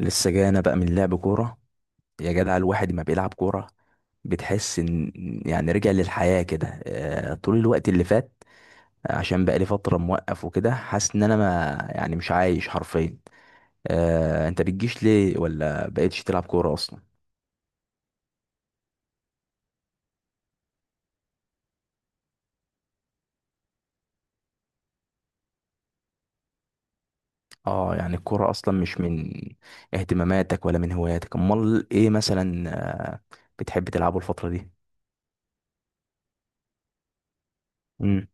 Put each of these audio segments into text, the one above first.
لسه جاي انا بقى من لعب كوره. يا جدع الواحد ما بيلعب كوره، بتحس ان رجع للحياه كده. طول الوقت اللي فات. عشان بقى لي فتره موقف وكده حاسس ان انا ما يعني مش عايش حرفيا. انت بتجيش ليه ولا بقيتش تلعب كوره اصلا؟ اه، يعني الكوره اصلا مش من اهتماماتك ولا من هواياتك، امال ايه مثلا؟ آه، بتحب تلعبه الفتره دي؟ امم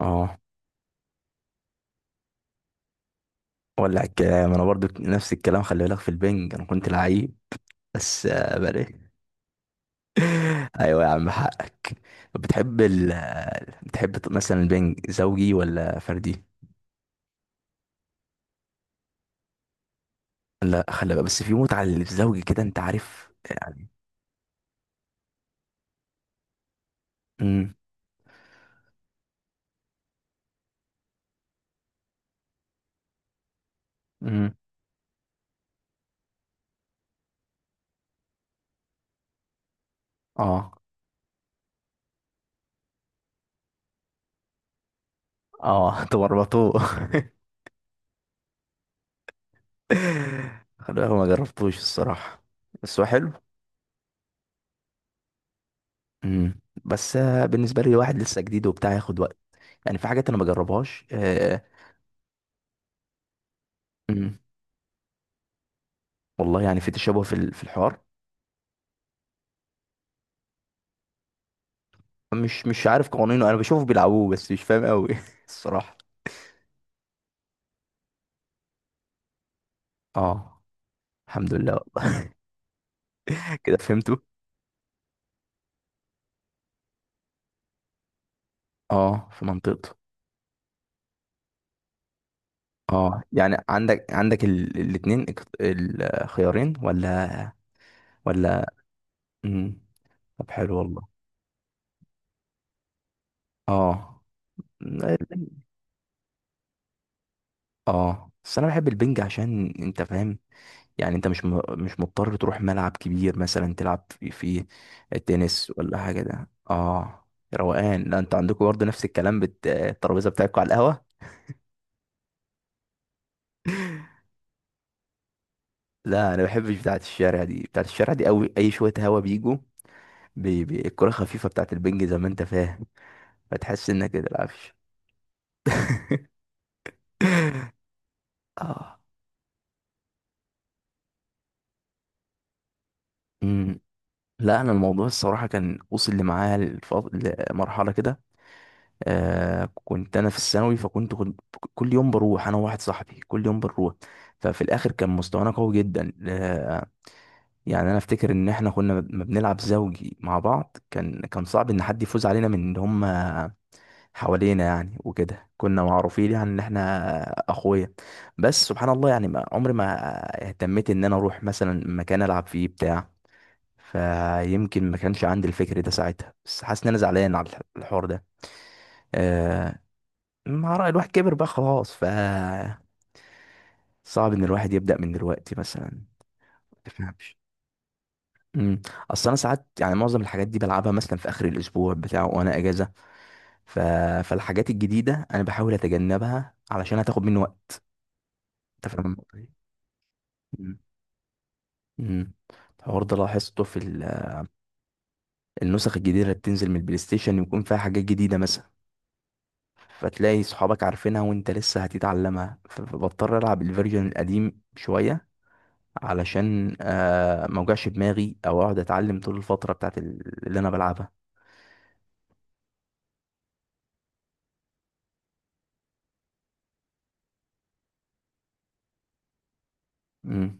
اه، ولع الكلام، انا برضو نفس الكلام، خلي بالك في البنج انا كنت لعيب بس بقى لي. ايوه يا عم حقك. بتحب ال بتحب مثلا البنج زوجي ولا فردي؟ لا خلي بقى، بس في متعه للزوجي كده انت عارف يعني. امم امم اه اه. تورطوه. خلي بالك ما جربتوش الصراحه، بس هو حلو. بس بالنسبه لي واحد لسه جديد وبتاع ياخد وقت، يعني في حاجات انا ما بجربهاش. امم والله يعني في تشابه في الحوار. مش عارف قوانينه، انا بشوفه بيلعبوه بس مش فاهم قوي الصراحه. اه، الحمد لله والله. كده فهمته. اه في منطقته. اه يعني عندك الاتنين الخيارين ولا؟ ولا. مم. طب حلو والله. اه، البنج. اه بس انا بحب البنج عشان انت فاهم، يعني انت مش مضطر تروح ملعب كبير مثلا تلعب في التنس ولا حاجه ده اه. روقان، لا انت عندكم برضه نفس الكلام، الترابيزه بتاعتكم على القهوه. لا انا ما بحبش بتاعه الشارع دي، بتاعه الشارع دي قوي اي شويه هوا بيجوا، بي الكرة خفيفة بتاعت البنج زي ما انت فاهم، فتحس انك كده العفش. اه، امم. لا انا الموضوع الصراحه كان وصل لي معايا لمرحله كده. آه كنت انا في الثانوي، فكنت كل يوم بروح انا وواحد صاحبي، كل يوم بنروح. ففي الاخر كان مستوانا قوي جدا. آه يعني انا افتكر ان احنا كنا ما بنلعب زوجي مع بعض، كان صعب ان حد يفوز علينا من ان هم حوالينا، يعني وكده كنا معروفين يعني ان احنا اخويا. بس سبحان الله يعني ما عمري ما اهتميت ان انا اروح مثلا مكان العب فيه بتاع، فيمكن ما كانش عندي الفكر ده ساعتها، بس حاسس ان انا زعلان على الحوار ده. آه مع رأي الواحد كبر بقى خلاص، ف صعب ان الواحد يبدأ من دلوقتي مثلا، ما تفهمش. امم. اصل انا ساعات يعني معظم الحاجات دي بلعبها مثلا في اخر الاسبوع بتاع وانا اجازة، ف... فالحاجات الجديدة انا بحاول اتجنبها علشان هتاخد مني وقت. انت فاهم النقطة دي. مم. مم. الحوار ده لاحظته النسخ الجديدة اللي بتنزل من البلاي ستيشن يكون فيها حاجات جديدة مثلا، فتلاقي صحابك عارفينها وانت لسه هتتعلمها فبضطر العب الفيرجن القديم شوية علشان آه ما اوجعش دماغي او اقعد اتعلم طول الفترة بتاعت اللي انا بلعبها. مم.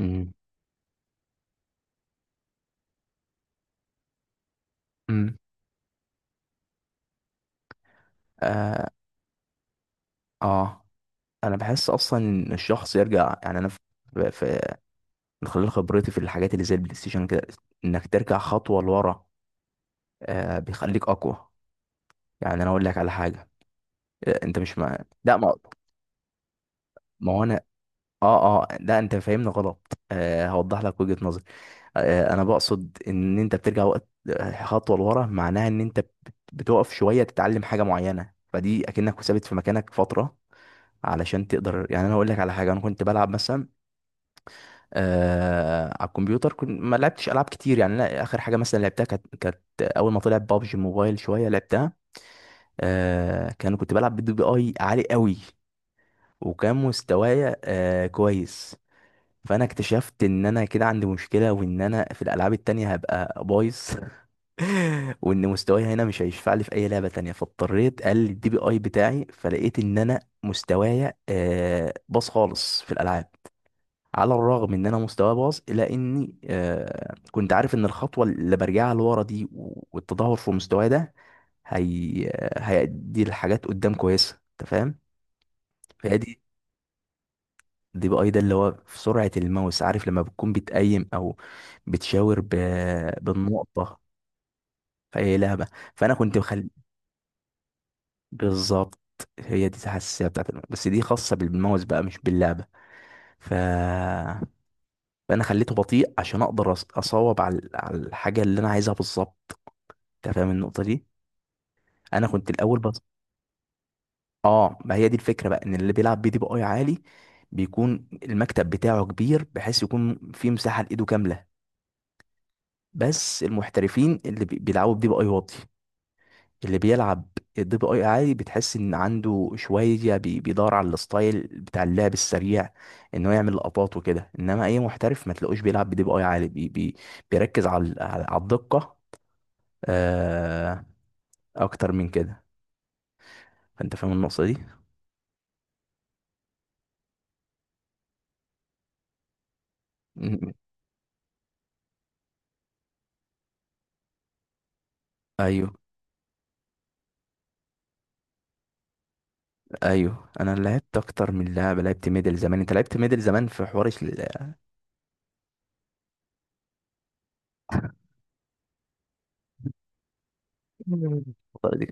مم. مم. آه, اه انا بحس اصلا ان الشخص يرجع، يعني انا في- من خلال خبرتي في الحاجات اللي زي البلاي ستيشن كده، انك ترجع خطوة لورا آه بيخليك اقوى. يعني انا اقول لك على حاجه، آه انت مش مع؟ لا ما ما هو انا اه اه، لا انت فاهمني غلط، آه هوضح لك وجهه نظري. آه انا بقصد ان انت بترجع وقت خطوه لورا، معناها ان انت بتقف شويه تتعلم حاجه معينه، فدي اكنك ثابت في مكانك فتره علشان تقدر. يعني انا اقول لك على حاجه، انا كنت بلعب مثلا آه على الكمبيوتر، كنت ما لعبتش العاب كتير يعني، لا اخر حاجه مثلا لعبتها، كانت اول ما طلع بابجي موبايل شويه لعبتها. آه كنت بلعب بي دي اي عالي قوي، وكان مستوايا آه كويس. فانا اكتشفت ان انا كده عندي مشكله، وان انا في الالعاب التانية هبقى بايظ. وان مستواي هنا مش هيشفع لي في اي لعبه تانية، فاضطريت اقلل الدي بي اي بتاعي، فلقيت ان انا مستوايا آه باظ خالص في الالعاب. على الرغم ان انا مستواي باظ الا اني آه كنت عارف ان الخطوه اللي برجعها لورا دي والتدهور في مستواي ده، هي هيدي الحاجات قدام كويسه، انت فاهم. فهي دي دي بقى ده اللي هو في سرعه الماوس، عارف لما بتكون بتقيم او بتشاور ب... بالنقطه في اي لعبه. فانا كنت بخلي. بالظبط، هي دي الحساسيه بتاعت الماوس، بس دي خاصه بالماوس بقى مش باللعبه. ف... فانا خليته بطيء عشان اقدر اصوب على على الحاجه اللي انا عايزها بالظبط. انت فاهم النقطه دي؟ انا كنت الاول اه، ما هي دي الفكره بقى، ان اللي بيلعب بي دي بي اي عالي بيكون المكتب بتاعه كبير بحيث يكون فيه مساحه لايده كامله. بس المحترفين اللي بيلعبوا بدي بي اي واطي. اللي بيلعب الدي بي اي عالي بتحس ان عنده شويه بيدور على الستايل بتاع اللعب السريع، ان هو يعمل لقطات وكده، انما اي محترف ما تلاقوش بيلعب بدي بي اي عالي، بي بيركز على على الدقه آه اكتر من كده. فانت فاهم النقطه دي. م- ايوه ايوه، انا لعبت اكتر من لعبه، لعبت ميدل زمان، انت لعبت ميدل زمان في حوار الفترة دي؟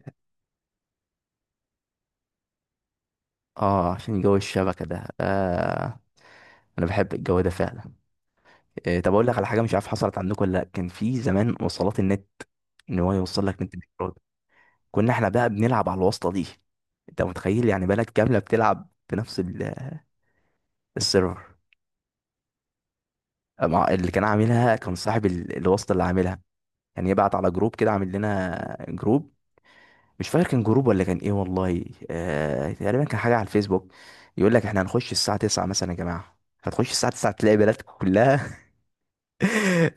اه عشان جو الشبكه ده آه. انا بحب الجو ده فعلا. إيه طب اقول لك على حاجه، مش عارف حصلت عندكم ولا لا، كان في زمان وصلات النت، ان هو يوصل لك نت بالإيراد. كنا احنا بقى بنلعب على الواسطه دي. انت متخيل يعني بلد كامله بتلعب في نفس السيرفر. اللي كان عاملها كان صاحب الواسطه اللي عاملها، يعني يبعت على جروب كده، عامل لنا جروب. مش فاكر كان جروب ولا كان ايه والله، آه تقريبا كان حاجه على الفيسبوك. يقول لك احنا هنخش الساعه 9 مثلا يا جماعه. هتخش الساعه 9 تلاقي بلدك كلها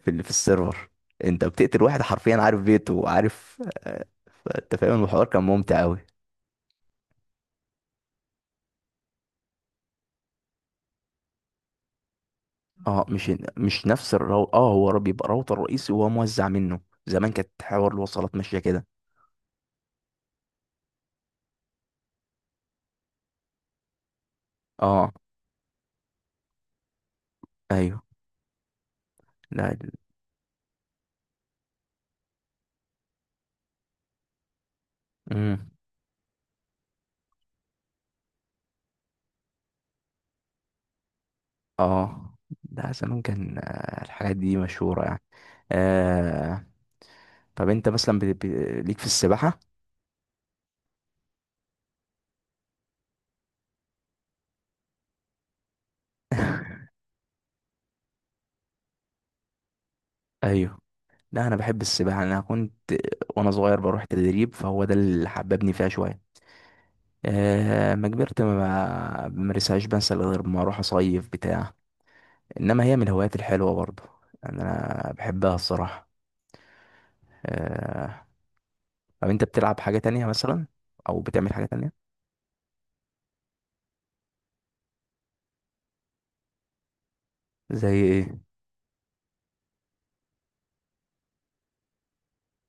في السيرفر. انت بتقتل واحد حرفيا عارف بيته وعارف فانت فاهم الحوار كان ممتع قوي. اه مش نفس اه هو بيبقى راوتر رئيسي وهو موزع منه، زمان كانت حوار الوصلات ماشيه كده. اه ايوه، لا. امم. اه. ده زمان كان الحاجات دي مشهوره يعني. آه طب انت مثلا ليك في السباحة؟ ايوه. لا انا بحب السباحة، انا كنت وانا صغير بروح تدريب فهو ده اللي حببني فيها شوية. آه ما كبرت ما بمارسهاش، بنسى غير ما اروح اصيف بتاع، انما هي من الهوايات الحلوة برضه، يعني انا بحبها الصراحة. آه طب انت بتلعب حاجة تانية مثلا، او بتعمل حاجة تانية؟ زي ايه؟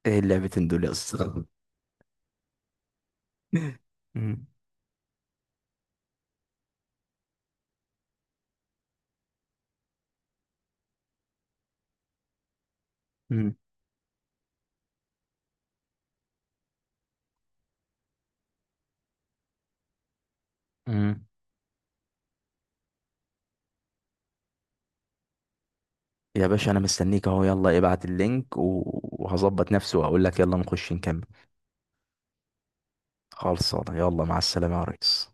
ايه اللعبتين دول يا اسطى؟ مم. مم. مم. يا باشا انا مستنيك اهو، يلا ابعت اللينك وهظبط نفسي واقول لك يلا نخش نكمل. خلصانه، يلا مع السلامه يا ريس.